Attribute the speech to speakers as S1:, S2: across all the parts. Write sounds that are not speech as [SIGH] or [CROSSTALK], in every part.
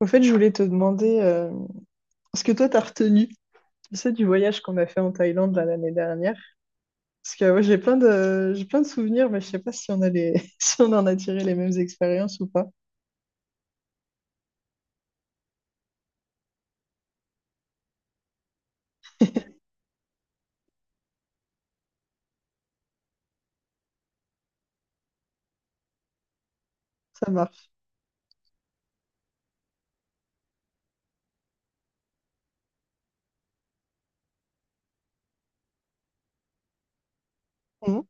S1: Au fait, je voulais te demander ce que toi t'as retenu, tu sais, du voyage qu'on a fait en Thaïlande là, l'année dernière. Parce que ouais, j'ai plein de souvenirs, mais je sais pas si [LAUGHS] si on en a tiré les mêmes expériences ou pas. Ça marche. Mhm.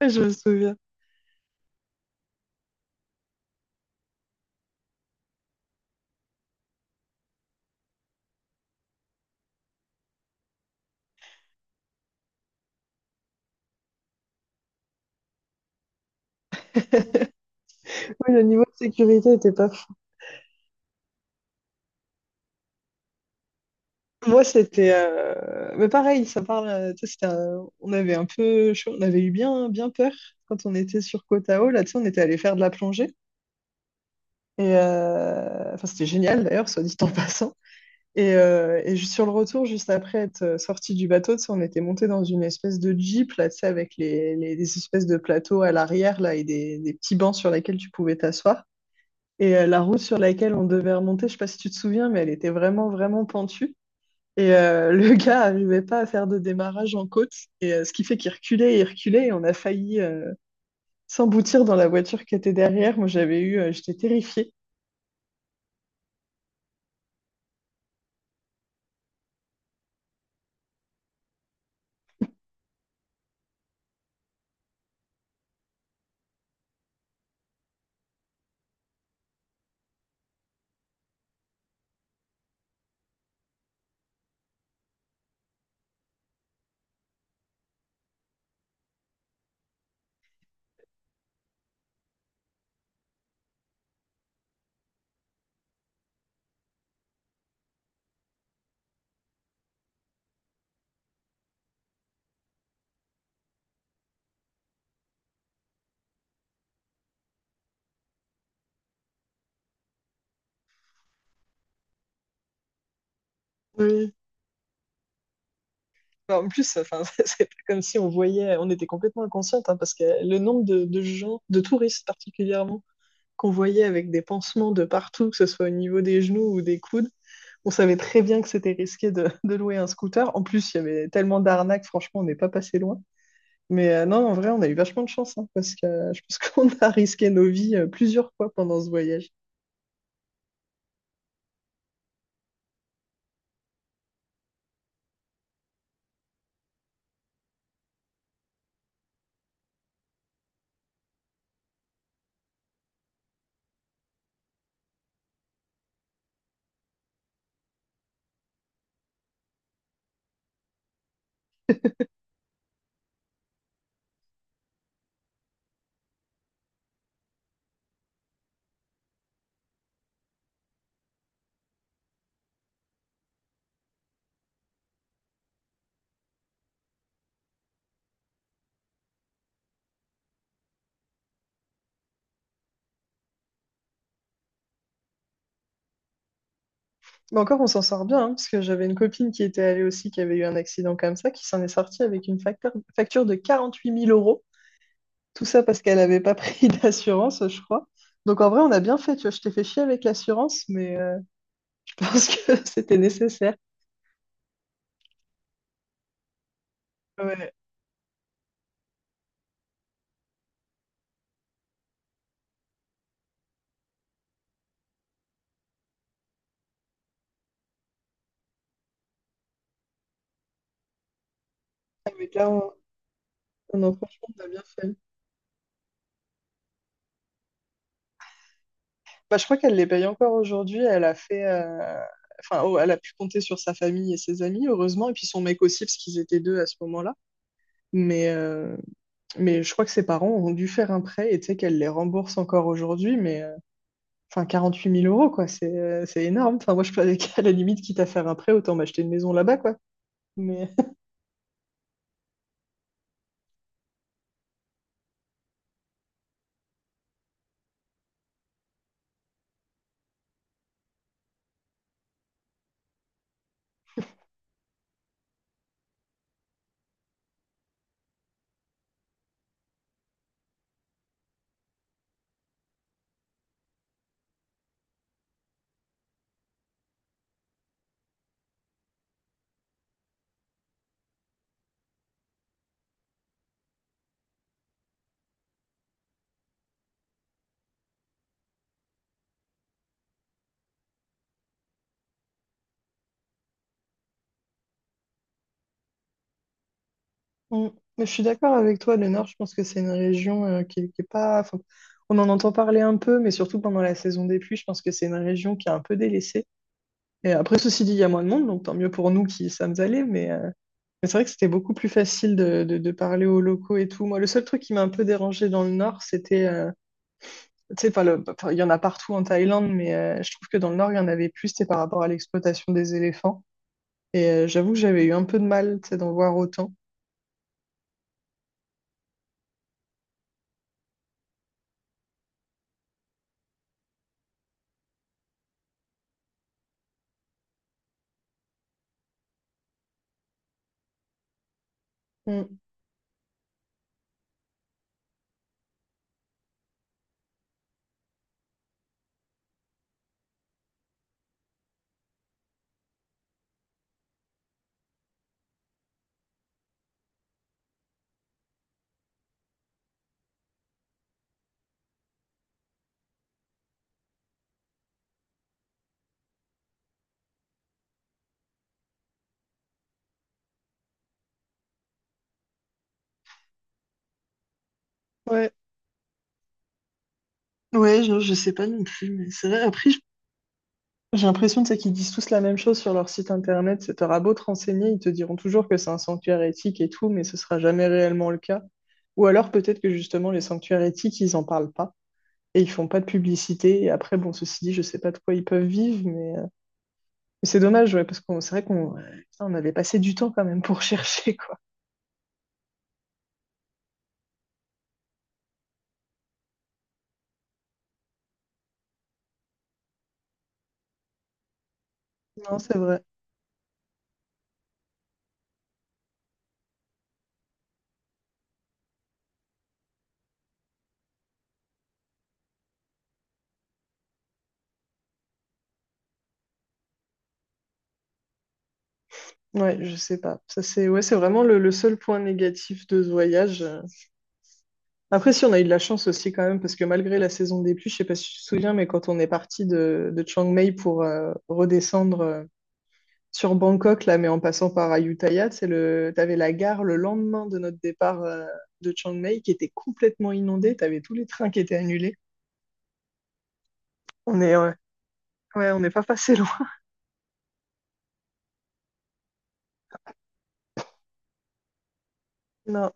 S1: Ouais, je me souviens. [LAUGHS] Oui, le niveau de sécurité était pas fou. Moi, c'était, mais pareil, ça parle. Tu sais, on avait eu bien, bien peur quand on était sur Koh Tao. Là, tu sais, on était allé faire de la plongée. Et enfin, c'était génial d'ailleurs, soit dit en [LAUGHS] passant. Et sur le retour, juste après être sorti du bateau, tu sais, on était monté dans une espèce de jeep, là, tu sais, avec des espèces de plateaux à l'arrière, là, et des petits bancs sur lesquels tu pouvais t'asseoir. Et la route sur laquelle on devait remonter, je sais pas si tu te souviens, mais elle était vraiment, vraiment pentue. Et le [LAUGHS] gars arrivait pas à faire de démarrage en côte, et ce qui fait qu'il reculait et il reculait, et on a failli s'emboutir dans la voiture qui était derrière. Moi, j'étais terrifiée. Oui. Bah, en plus, enfin, [LAUGHS] c'est pas comme si on voyait, on était complètement inconsciente, hein, parce que le nombre de gens, de touristes particulièrement, qu'on voyait avec des pansements de partout, que ce soit au niveau des genoux ou des coudes, on savait très bien que c'était risqué [LAUGHS] de louer un scooter. En plus, il y avait tellement d'arnaques, franchement, on n'est pas passé loin. Mais non, en vrai, on a eu vachement de chance, hein, parce que je pense [LAUGHS] qu'on a risqué nos vies plusieurs fois pendant ce voyage. [LAUGHS] Mais encore, on s'en sort bien, hein, parce que j'avais une copine qui était allée aussi, qui avait eu un accident comme ça, qui s'en est sortie avec une facture de 48 000 euros. Tout ça parce qu'elle n'avait pas pris [LAUGHS] d'assurance, je crois. Donc en vrai, on a bien fait, tu vois, je t'ai fait chier avec l'assurance, mais je pense que [LAUGHS] c'était nécessaire. Ouais, ah, mais là, on... non, non, franchement, on a bien fait. Bah, je crois qu'elle les paye encore aujourd'hui. Enfin, oh, elle a pu compter sur sa famille et ses amis, heureusement, et puis son mec aussi, parce qu'ils étaient deux à ce moment-là. Mais, euh, mais je crois que ses parents ont dû faire un prêt et tu sais qu'elle les rembourse encore aujourd'hui, mais enfin 8 000 euros, quoi, c'est énorme. Enfin, moi, je peux, [LAUGHS] à la limite, quitte à faire un prêt, autant m'acheter une maison là-bas, quoi. Mais, [LAUGHS] mm. Mais je suis d'accord avec toi, le Nord, je pense que c'est une région qui est pas, enfin, on en entend parler un peu, mais surtout pendant la saison des pluies, je pense que c'est une région qui est un peu délaissée. Et après, ceci dit, il y a moins de monde, donc tant mieux pour nous qui sommes allés. Mais c'est vrai que c'était beaucoup plus facile de parler aux locaux et tout. Moi, le seul truc qui m'a un peu dérangé dans le Nord, c'était, tu sais, enfin, il y en a partout en Thaïlande, mais je trouve que dans le Nord, il y en avait plus, c'était par rapport à l'exploitation des éléphants. Et j'avoue que j'avais eu un peu de mal, tu sais, d'en voir autant. Mm. Ouais, ouais, je sais pas non plus, mais c'est vrai. Après, j'ai l'impression, tu sais, qu'ils disent tous la même chose sur leur site internet. T'auras beau te renseigner, ils te diront toujours que c'est un sanctuaire éthique et tout, mais ce sera jamais réellement le cas. Ou alors peut-être que justement les sanctuaires éthiques, ils en parlent pas et ils font pas de publicité. Et après, bon, ceci dit, je sais pas de quoi ils peuvent vivre, mais c'est dommage, ouais, parce qu'on c'est vrai qu'on putain, on avait passé du temps quand même pour [LAUGHS] chercher, quoi. Non, c'est vrai. Ouais, je sais pas. Ça, c'est, ouais, c'est vraiment le seul point négatif de ce voyage. Après, si on a eu de la chance aussi quand même, parce que malgré la saison des pluies, je sais pas si tu te souviens, mais quand on est parti de Chiang Mai pour redescendre sur Bangkok, là, mais en passant par Ayutthaya, t'avais la gare le lendemain de notre départ de Chiang Mai qui était complètement inondée, t'avais tous les trains qui étaient annulés. Ouais, ouais, on n'est pas passé loin. Non.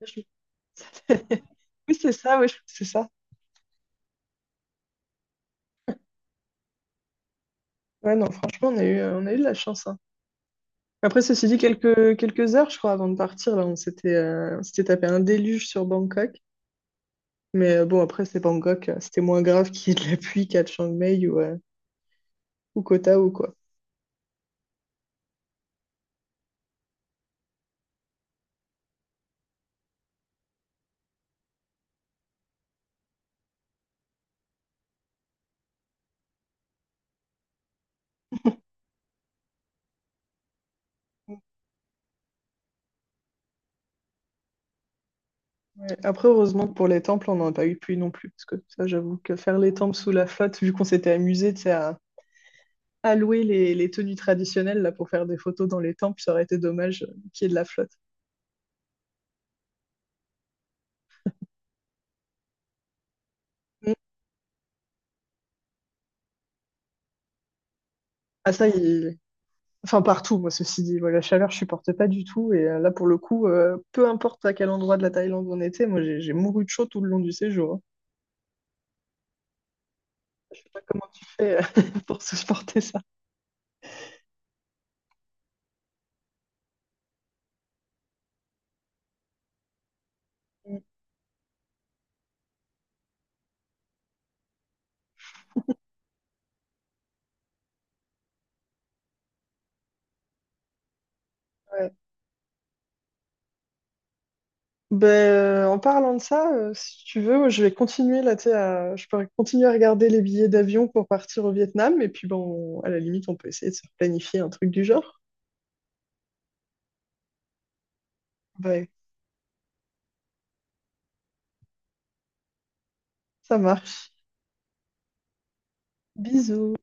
S1: Je- [LAUGHS] Oui, c'est ça, oui, c'est ça. Ouais, non, franchement, on a eu de la chance, hein. Après, ceci dit, quelques heures, je crois, avant de partir, là, on s'était tapé un déluge sur Bangkok. Mais bon, après, c'est Bangkok, c'était moins grave [LAUGHS] qu'il y ait de la pluie qu'à Chiang Mai ou Koh Tao, quoi. Ouais. Après, heureusement que pour les temples, on n'en a pas eu de pluie non plus, parce que ça, j'avoue que faire les temples sous la flotte, vu qu'on s'était amusé, tu sais, à louer les tenues traditionnelles là, pour faire des photos dans les temples, ça aurait été dommage qu'il y ait de la flotte. Mm. Ah ça, enfin partout, moi, ceci dit, moi, la chaleur, je supporte pas du tout, et là, pour le coup, peu importe à quel endroit de la Thaïlande on était, moi, j'ai mouru de chaud tout le long du séjour, hein. Je sais pas comment tu fais [LAUGHS] pour supporter ça. Mm. Ouais. Ben, en parlant de ça, si tu veux, je vais continuer là, tu sais, je pourrais continuer à regarder les billets d'avion pour partir au Vietnam, et puis bon, à la limite, on peut essayer de se planifier un truc du genre. Ouais, ça marche. Bisous.